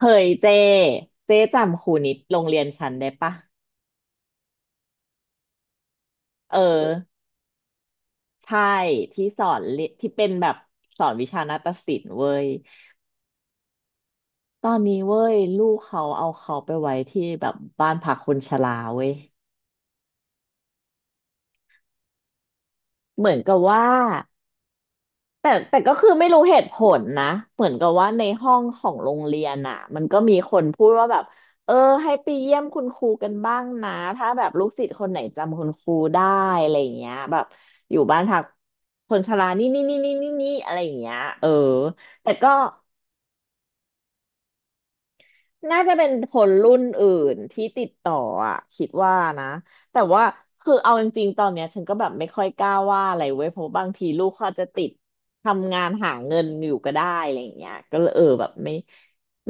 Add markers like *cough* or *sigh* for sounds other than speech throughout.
เฮ้ยเจเจจำครูนิดโรงเรียนฉันได้ปะเออใช่ที่สอนเรียที่เป็นแบบสอนวิชานาฏศิลป์เว้ยตอนนี้เว้ยลูกเขาเอาเขาไปไว้ที่แบบบ้านพักคนชราเว้ยเหมือนกับว่า แต่ก็คือไม่รู้เหตุผลนะเหมือนกับว่าในห้องของโรงเรียนอ่ะมันก็มีคนพูดว่าแบบเออให้ไปเยี่ยมคุณครูกันบ้างนะถ้าแบบลูกศิษย์คนไหนจำคุณครูได้อะไรอย่างเงี้ยแบบอยู่บ้านพักคนชรานี่นี่นี่นี่นี่นี่อะไรอย่างเงี้ยเออแต่ก็ น่าจะเป็นคนรุ่นอื่นที่ติดต่ออ่ะคิดว่านะแต่ว่าคือเอาจริงๆตอนเนี้ยฉันก็แบบไม่ค่อยกล้าว่าอะไรเว้ยเพราะบางทีลูกเขาอาจจะติดทำงานหาเงินอยู่ก็ได้อะไรอย่างเงี้ยก็เลยเออแบบไม่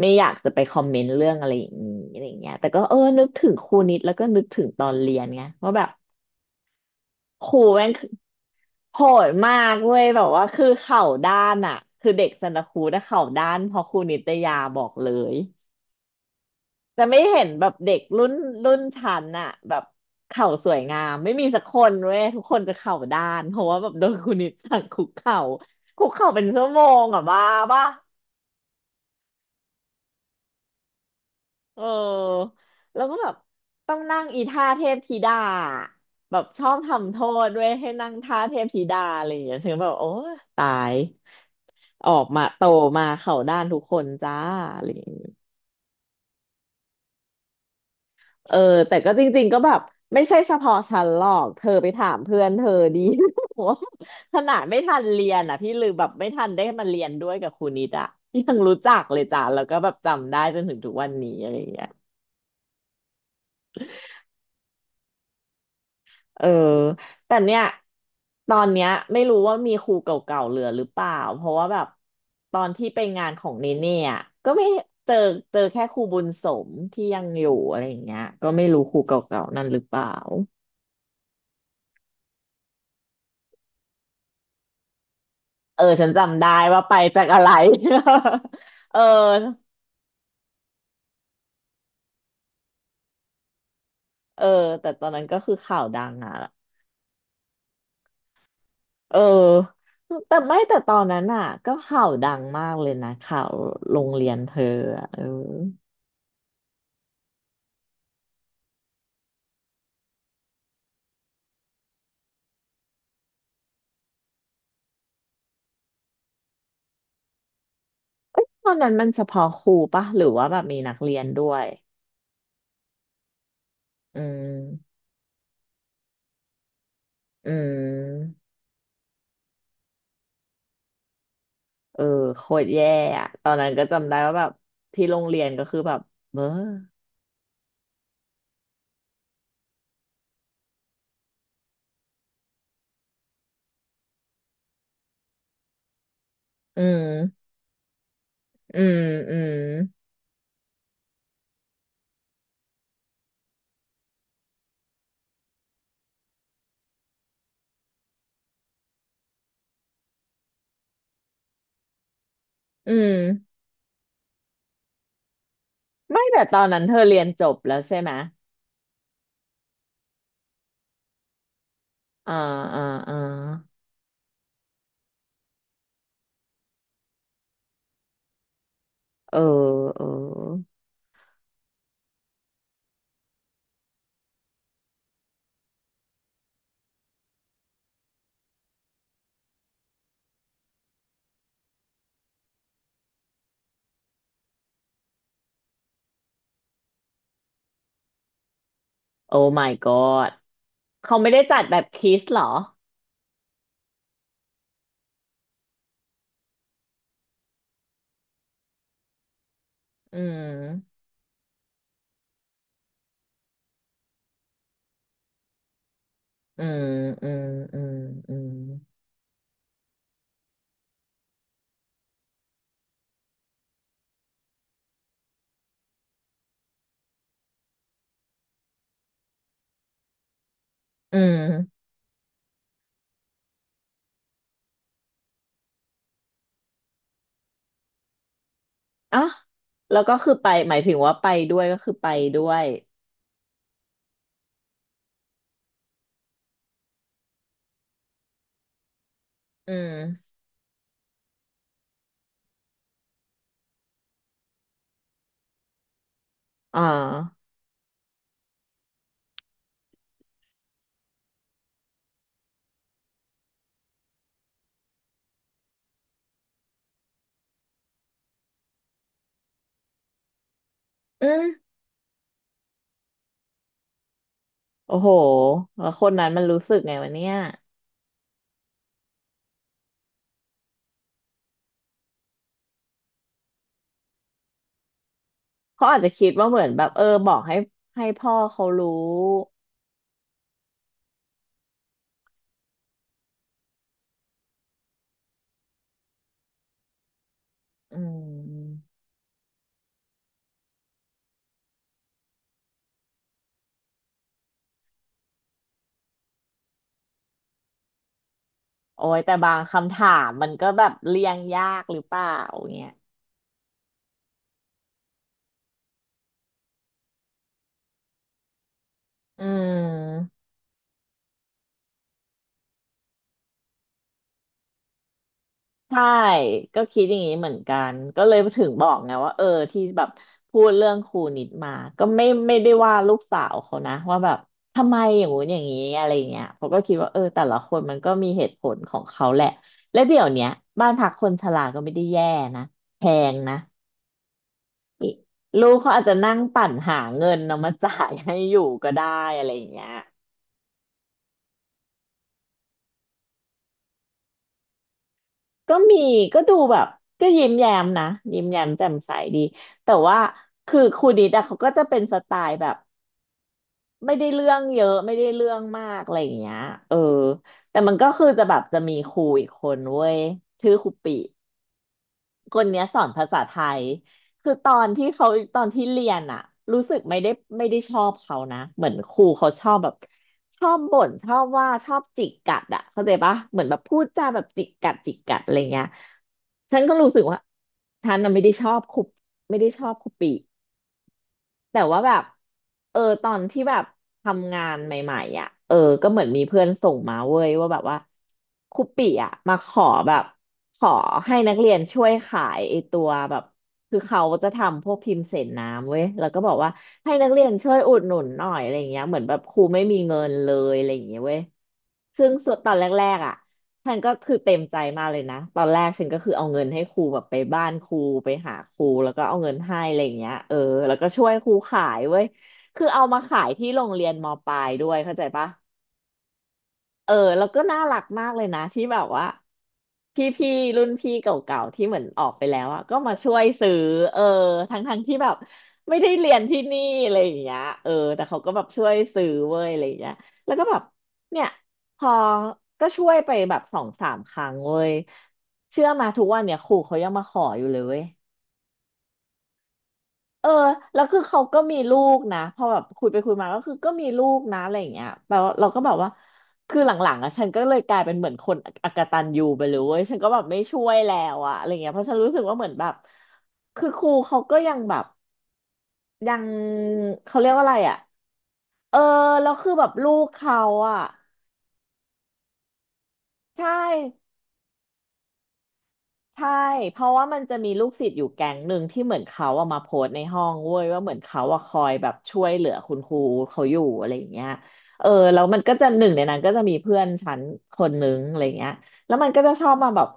ไม่อยากจะไปคอมเมนต์เรื่องอะไรอย่างนี้อะไรอย่างเงี้ยแต่ก็เออนึกถึงครูนิดแล้วก็นึกถึงตอนเรียนไงว่าแบบครูแม่งคือโหดมากเว้ยแบบว่าคือเข่าด้านอ่ะคือเด็กสันตะครูถ้าเข่าด้านเพอครูนิตยาบอกเลย จะไม่เห็นแบบเด็กรุ่นชั้นอะแบบเข่าสวยงามไม่มีสักคนเว้ยทุกคนจะเข่าด้านเพราะว่าแบบโดนคุณนิดสั่งคุกเข่าคุกเข่าเป็นชั่วโมงอะบ้าป่ะเออแล้วก็แบบต้องนั่งอีท่าเทพธิดาแบบชอบทำโทษด้วยให้นั่งท่าเทพธิดาอะไรอย่างเงี้ยฉันก็แบบโอ้ตายออกมาโตมาเข่าด้านทุกคนจ้าอะไรอย่างเงี้ย เออแต่ก็จริงๆก็แบบไม่ใช่เฉพาะฉันหรอกเธอไปถามเพื่อนเธอดี *laughs* ว่าขนาดไม่ทันเรียนอ่ะพี่ลือแบบไม่ทันได้มาเรียนด้วยกับครูนิดอ่ะยังรู้จักเลยจ้ะแล้วก็แบบจำได้จนถึงทุกวันนี้อะไรอย่างเงี้ยเออแต่เนี่ยตอนเนี้ยไม่รู้ว่ามีครูเก่าๆเหลือหรือเปล่าเพราะว่าแบบตอนที่ไปงานของเนเน่อะก็ไม่เจอเจอแค่ครูบุญสมที่ยังอยู่อะไรอย่างเงี้ยก็ไม่รู้ครูเก่าๆนั่นหรือเปล่า เออฉันจำได้ว่าไปจากอะไร *laughs* เออเออแต่ตอนนั้นก็คือข่าวดังอ่ะเออแต่ไม่แต่ตอนนั้นอ่ะก็ข่าวดังมากเลยนะข่าวโรงเรียนเธออะเออตอนนั้นมันเฉพาะครูปะหรือว่าแบบมีนักเรียนด้วยอืมอืมเออโคตรแย่อะตอนนั้นก็จำได้ว่าแบบที่โรงเรียนก็คือแบบเบ้ออืมอืมอืมอืมไม่แต่ตอนนั้นเธอเรียนจบแล้วใช่ไหม อ่าอ่าอ่าเออเออโอ้ my god เขาไม่ได้จัดแบบคิสเหรออืมอืมอืมอืมอืมอืมอ่ะแล้วก็คือไปหมายถึงว่าไปด้วยก็คือไปด้วยอืมอ่าอืมโอ้โหแล้วคนนั้นมันรู้สึกไงวะเนี่ยเขาอาจจะคิดว่าเหมือนแบบเออบอกให้ให้พ่อเขารู้อืมโอ้ยแต่บางคำถามมันก็แบบเลี่ยงยากหรือเปล่าเนี่ย อืมใช่ก็คิดอย่างนี้เหมือนกันก็เลยถึงบอกไงว่าเออที่แบบพูดเรื่องครูนิดมาก็ไม่ไม่ได้ว่าลูกสาวเขานะว่าแบบทำไมอย่างงู้นอย่างนี้อะไรเงี้ยเขาก็คิดว่าเออแต่ละคนมันก็มีเหตุผลของเขาแหละและเดี๋ยวเนี้ยบ้านพักคนชราก็ไม่ได้แย่นะแพงนะลูกเขาอาจจะนั่งปั่นหาเงินเอามาจ่ายให้อยู่ก็ได้อะไรอย่างเงี้ย ก็มีก็ดูแบบก็ยิ้มแย้มนะยิ้มแย้มแจ่มใสดีแต่ว่าคือครูดิดอะเขาก็จะเป็นสไตล์แบบไม่ได้เรื่องเยอะไม่ได้เรื่องมากอะไรอย่างเงี้ยเออแต่มันก็คือจะแบบจะมีครูอีกคนเว้ยชื่อครูปิ คนเนี้ยสอนภาษาไทย คือตอนที่เขาตอนที่เรียนอะรู้สึกไม่ได้ไม่ได้ชอบเขานะ เหมือนครูเขาชอบแบบชอบบ่นชอบว่าชอบจิกกัดอะเข้าใจปะเหมือนแบบพูดจาแบบจิกกัดอะไรเงี้ยฉันก็รู้สึกว่าฉันน่ะไม่ได้ชอบครูไม่ได้ชอบครูปี แต่ว่าแบบเออตอนที่แบบทำงานใหม่ๆอ่ะเออก็เหมือนมีเพื่อนส่งมาเว้ยว่าแบบว่าครูปิอ่ะมาขอแบบขอให้นักเรียนช่วยขายไอตัวแบบคือเขาจะทำพวกพิมพ์เศษน้ำเว้ยแล้วก็บอกว่าให้นักเรียนช่วยอุดหนุนหน่อยอะไรอย่างเงี้ยเหมือนแบบครูไม่มีเงินเลยอะไรอย่างเงี้ยเว้ยซึ่งส่วนตอนแรกๆอ่ะ ฉันก็คือเต็มใจมากเลยนะตอนแรกฉันก็คือเอาเงินให้ครูแบบไปบ้านครูไปหาครูแล้วก็เอาเงินให้อะไรอย่างเงี้ยเออแล้วก็ช่วยครูขายเว้ยคือเอามาขายที่โรงเรียนมปลายด้วยเข้าใจปะ เออแล้วก็น่ารักมากเลยนะที่แบบว่าพี่พี่รุ่นพี่เก่าๆที่เหมือนออกไปแล้วอะก็มาช่วยซื้อเออทั้งที่แบบไม่ได้เรียนที่นี่อะไรอย่างเงี้ยเออแต่เขาก็แบบช่วยซื้อเว้ยอะไรอย่างเงี้ยแล้วก็แบบเนี่ยพอก็ช่วยไปแบบสองสามครั้งเว้ยเชื่อมาทุกวันเนี่ยครูเขายังมาขออยู่เลยเว้ย เออแล้วคือเขาก็มีลูกนะพอแบบคุยไปคุยมาก็คือก็มีลูกนะอะไรอย่างเงี้ยแต่ว่าเราก็แบบว่าคือหลังๆอ่ะฉันก็เลยกลายเป็นเหมือนคนอกตัญญูไปเลยเว้ยฉันก็แบบไม่ช่วยแล้วอะอะไรเงี้ยเพราะฉันรู้สึกว่าเหมือนแบบคือครูเขาก็ยังแบบยังเขาเรียกว่าอะไรอะเออแล้วคือแบบลูกเขาอะใช่ ใช่ เพราะว่ามันจะมีลูกศิษย์อยู่แก๊งหนึ่งที่เหมือนเขาเอามาโพสต์ในห้องเว้ยว่าเหมือนเขาอะคอยแบบช่วยเหลือคุณครูเขาอยู่อะไรอย่างเงี้ยเออแล้วมันก็จะหนึ่งในนั้นก็จะมีเพื่อนฉันคนนึงอะไรเงี้ยแล้วมันก็จะชอบมาแบบ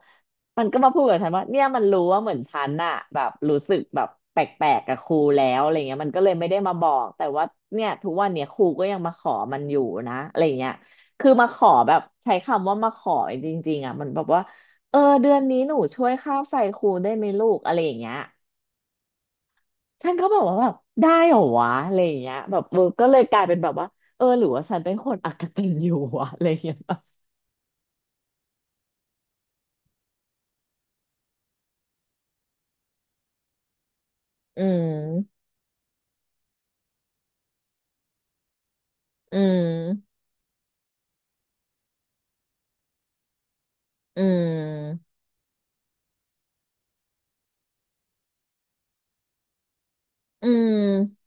มันก็มาพูดกับฉันว่าเนี่ยมันรู้ว่าเหมือนฉันอะแบบรู้สึกแบบแปลกๆกับครูแล้วอะไรเงี้ยมันก็เลยไม่ได้มาบอกแต่ว่าเนี่ยทุกวันเนี่ยครูก็ยังมาขอมันอยู่นะอะไรเงี้ยคือมาขอแบบใช้คำว่ามาขอจริงๆอ่ะมันแบบว่า เออเดือนนี้หนูช่วยค่าไฟครูได้ไหมลูกอะไรอย่างเงี้ยฉันก็แบบว่าแบบได้เหรอวะอะไรอย่างเงี้ยแบบเออก็เลยกลายเป็นแบบว่าเออหรือว่าฉันเป็นคนอกตัญญูวะอะไรอย่างเงี้ยแบบอืมอืมอืมอืม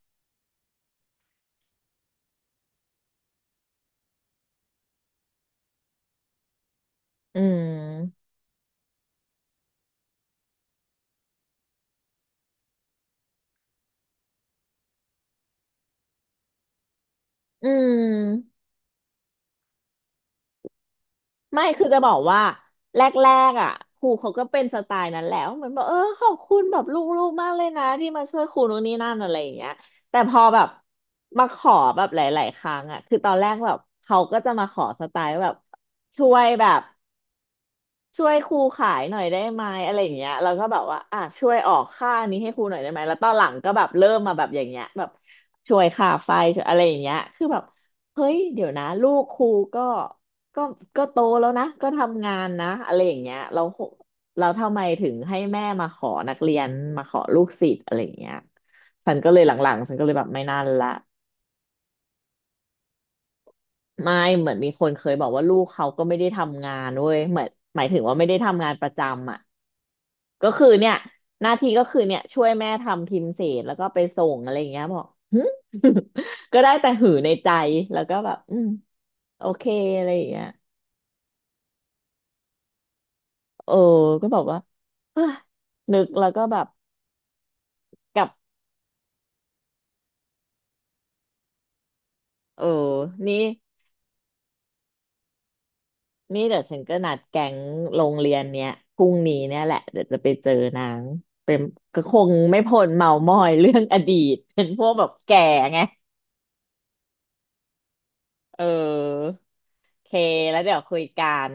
อืมอืม ไม่ คือจะบอกว่าแรกๆอ่ะครูเขาก็เป็นสไตล์นั้นแหล้วเหมือนบอกเออขอบคุณแบบลูกๆมากเลยนะที่มาช่วยครูนู่นนี่นั่นอะไรอย่างเงี้ยแต่พอแบบมาขอแบบหลายๆครั้งอ่ะคือตอนแรกแบบเขาก็จะมาขอสไตล์แบบช่วยแบบ ช่วยครูขายหน่อยได้ไหมอะไรอย่างเงี้ยเราก็แบบว่าอ่ะช่วยออกค่านี้ให้ครูหน่อยได้ไหมแล้วตอนหลังก็แบบเริ่มมาแบบอย่างเงี้ยแบบช่วยค่าไฟช่วยอะไรอย่างเงี้ยคือแบบเฮ้ยเดี๋ยวนะลูกครูก็ก็ก็โตแล้วนะก็ทำงานนะอะไรอย่างเงี้ยเราทำไมถึงให้แม่มาขอนักเรียนมาขอลูกศิษย์อะไรอย่างเงี้ยฉันก็เลยหลังๆฉันก็เลยแบบไม่นั่นละ ไม่เหมือนมีคนเคยบอกว่าลูกเขาก็ไม่ได้ทำงานเว้ยเหมือนหมายถึงว่าไม่ได้ทำงานประจำอ่ะก็คือเนี่ยหน้าที่ก็คือเนี่ยช่วยแม่ทำพิมพ์เสร็จแล้วก็ไปส่งอะไรอย่างเงี้ยบอก *laughs* ก็ได้แต่หือในใจแล้วก็แบบอืมโอเคอะไรอย่างเงี้ยเออก็บอกว่าเอ้ยนึกแล้วก็แบบกลับเออนี่ นี่เดี๋ยวฉันก็นัดแก๊งโรงเรียนเนี้ยพรุ่งนี้เนี่ยแหละเดี๋ยวจะไปเจอนางเป็นก็คงไม่พ้นเมามอยเรื่องอดีต *laughs* เป็นพวกแบบแก่ไงเออโอเคแล้วเดี๋ยวคุยกัน